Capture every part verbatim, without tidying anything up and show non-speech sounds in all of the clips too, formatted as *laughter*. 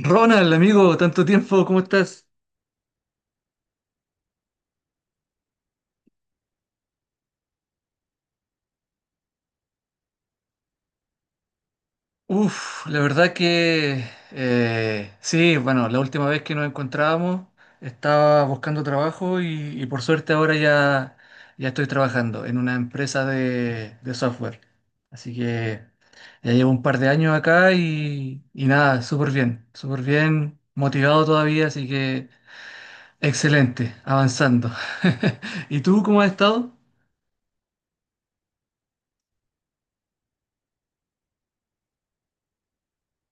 Ronald, amigo, tanto tiempo, ¿cómo estás? Uf, la verdad que eh, sí, bueno, la última vez que nos encontrábamos estaba buscando trabajo y, y por suerte ahora ya, ya estoy trabajando en una empresa de, de software. Así que ya llevo un par de años acá y, y nada, súper bien, súper bien, motivado todavía, así que excelente, avanzando. *laughs* ¿Y tú cómo has estado?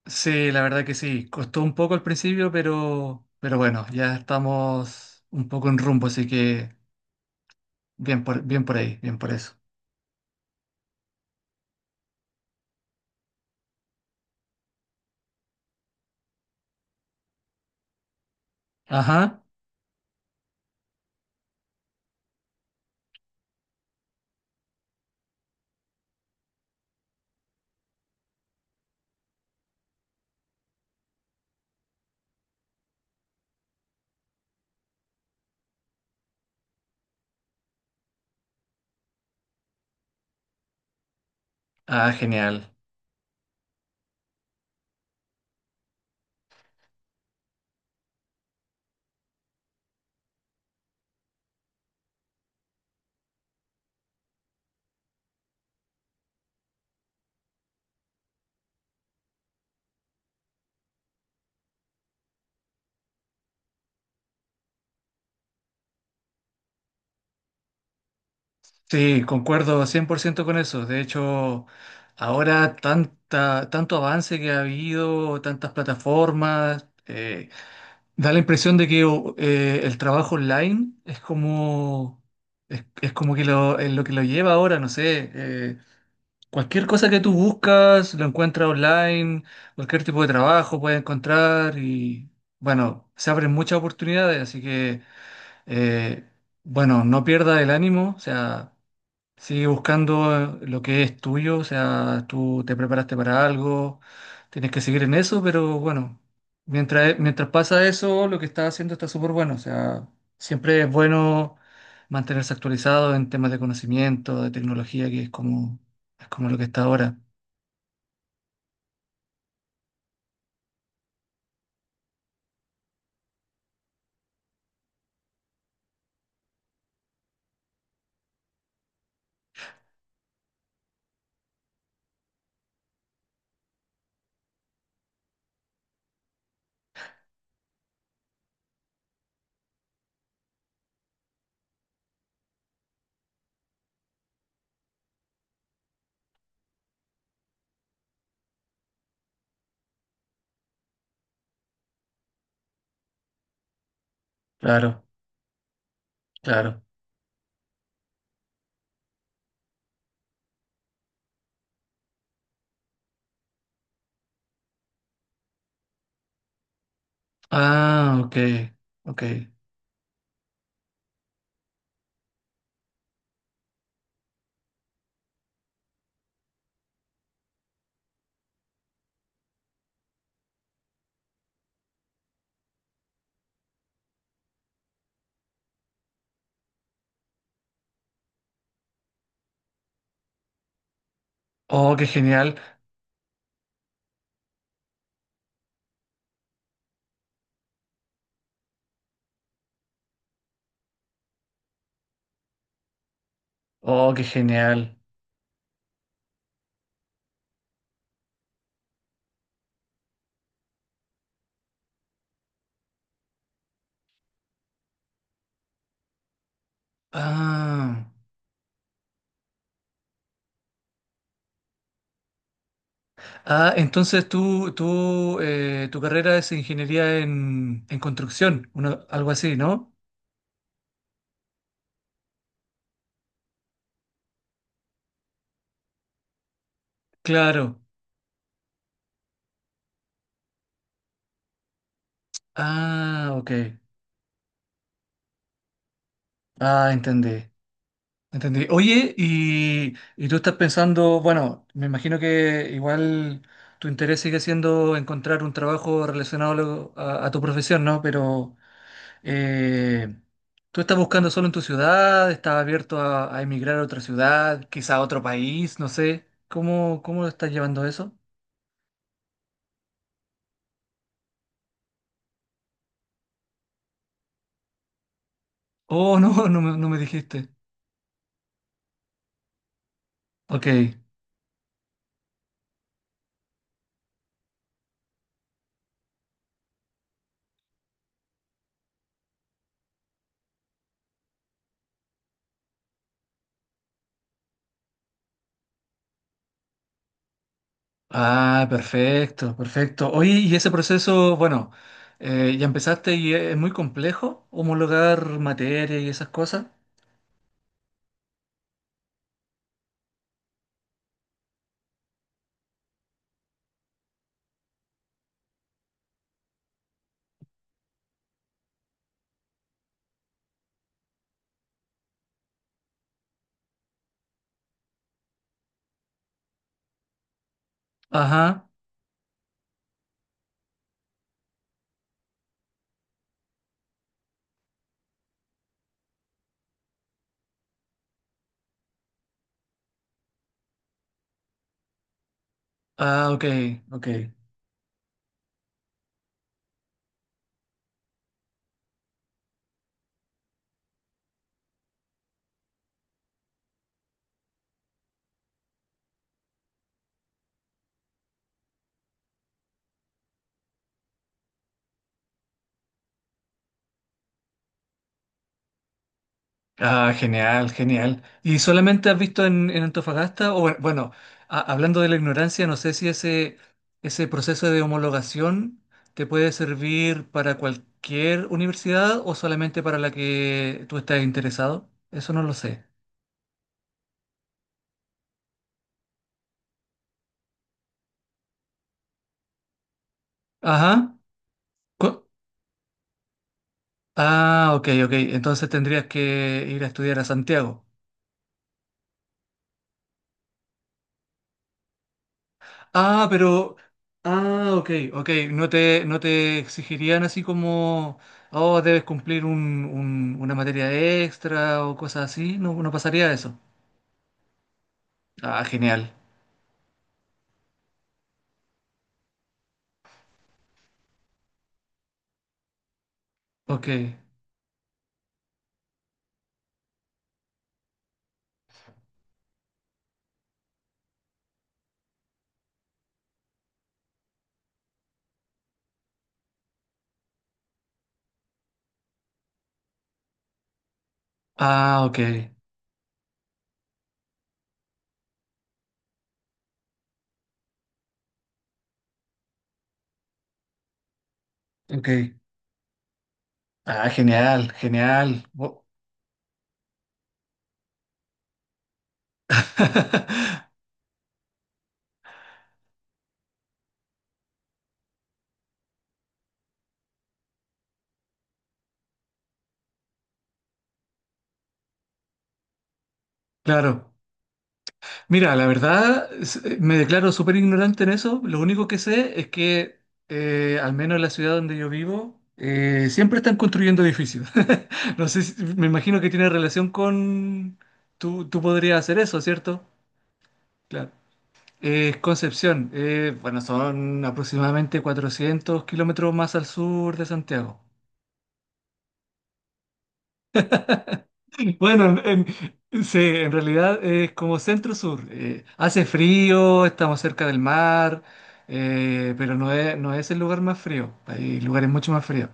Sí, la verdad que sí. Costó un poco al principio, pero, pero bueno, ya estamos un poco en rumbo, así que bien por, bien por ahí, bien por eso. Ajá. Ah, genial. Sí, concuerdo cien por ciento con eso. De hecho, ahora tanta, tanto avance que ha habido, tantas plataformas, eh, da la impresión de que o- eh, el trabajo online es como, es, es como que lo, es lo que lo lleva ahora, no sé. eh, Cualquier cosa que tú buscas, lo encuentras online, cualquier tipo de trabajo puedes encontrar y bueno, se abren muchas oportunidades, así que eh, bueno, no pierdas el ánimo, o sea, sí, buscando eh, lo que es tuyo, o sea, tú te preparaste para algo, tienes que seguir en eso, pero bueno, mientras, mientras pasa eso, lo que estás haciendo está súper bueno, o sea, siempre es bueno mantenerse actualizado en temas de conocimiento, de tecnología, que es como, es como lo que está ahora. Claro, claro. Ah, ok, ok. Oh, qué genial, oh, qué genial. Ah. Ah, entonces tú, tú, eh, tu carrera es ingeniería en, en construcción, uno- algo así, ¿no? Claro. Ah, ok. Ah, entendí. Entendí. Oye, y, y tú estás pensando, bueno, me imagino que igual tu interés sigue siendo encontrar un trabajo relacionado a, lo- a- a tu profesión, ¿no? Pero eh, ¿tú estás buscando solo en tu ciudad? ¿Estás abierto a, a emigrar a otra ciudad, quizá a otro país? No sé. ¿Cómo, cómo lo estás llevando eso? Oh, no, no me, no me dijiste. Ok. Ah, perfecto, perfecto. Oye, y ese proceso, bueno, eh, ya empezaste y es muy complejo homologar materia y esas cosas. Ajá. Ah, ok, ok. Ah, genial, genial. ¿Y solamente has visto en, en Antofagasta? O bu- bueno, a- hablando de la ignorancia, no sé si ese, ese proceso de homologación te puede servir para cualquier universidad o solamente para la que tú estás interesado. Eso no lo sé. Ajá. Cu- Ah, ok, ok. Entonces tendrías que ir a estudiar a Santiago. Ah, pero. Ah, ok, ok. No te, no te exigirían así como. Oh, debes cumplir un- un- una materia extra o cosas así. No, no pasaría eso. Ah, genial. Ok. Ah, ok. Ok. Ah, genial, genial. Wo- *laughs* Claro. Mira, la verdad, es- eh, me declaro súper ignorante en eso. Lo único que sé es que, eh, al menos en la ciudad donde yo vivo, eh, siempre están construyendo edificios. *laughs* No sé, si- me imagino que tiene relación con... Tú, tú podrías hacer eso, ¿cierto? Claro. Eh, Concepción, eh, bueno, son aproximadamente cuatrocientos kilómetros más al sur de Santiago. *laughs* Bueno, en, en- sí, en realidad es como centro-sur. Eh, hace frío, estamos cerca del mar, eh, pero no es, no es el lugar más frío. Hay lugares mucho más fríos.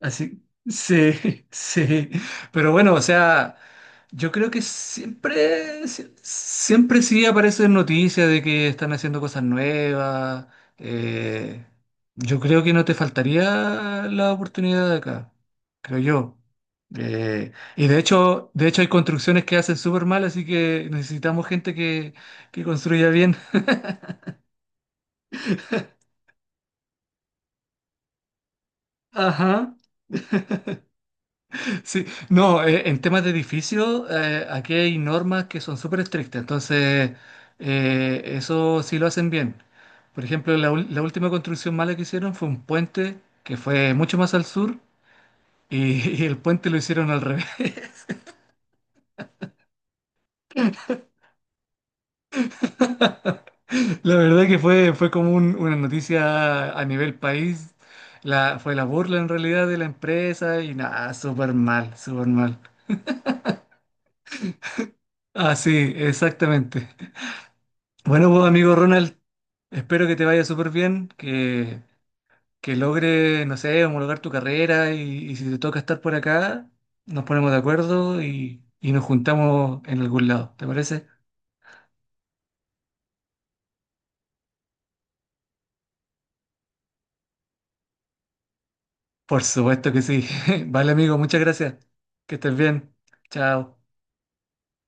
Así, sí, *laughs* sí. Pero bueno, o sea, yo creo que siempre, sie- siempre sí aparecen noticias de que están haciendo cosas nuevas. eh, yo creo que no te faltaría la oportunidad de acá, creo yo. Eh, y de hecho, de hecho hay construcciones que hacen súper mal, así que necesitamos gente que, que construya bien. *laughs* Ajá. Sí, no, eh, en temas de edificio, eh, aquí hay normas que son súper estrictas, entonces eh, eso sí lo hacen bien. Por ejemplo, la, ul- la última construcción mala que hicieron fue un puente que fue mucho más al sur y, *laughs* y el puente lo hicieron al revés. *laughs* La verdad que fue, fue como un- una noticia a nivel país, la, fue la burla en realidad de la empresa y nada, súper mal, súper mal. Ah, sí, exactamente. Bueno, pues, amigo Ronald, espero que te vaya súper bien, que que logre, no sé, homologar tu carrera y, y si te toca estar por acá, nos ponemos de acuerdo y, y nos juntamos en algún lado, ¿te parece? Por supuesto que sí. *laughs* Vale, amigo, muchas gracias. Que estés bien. Chao.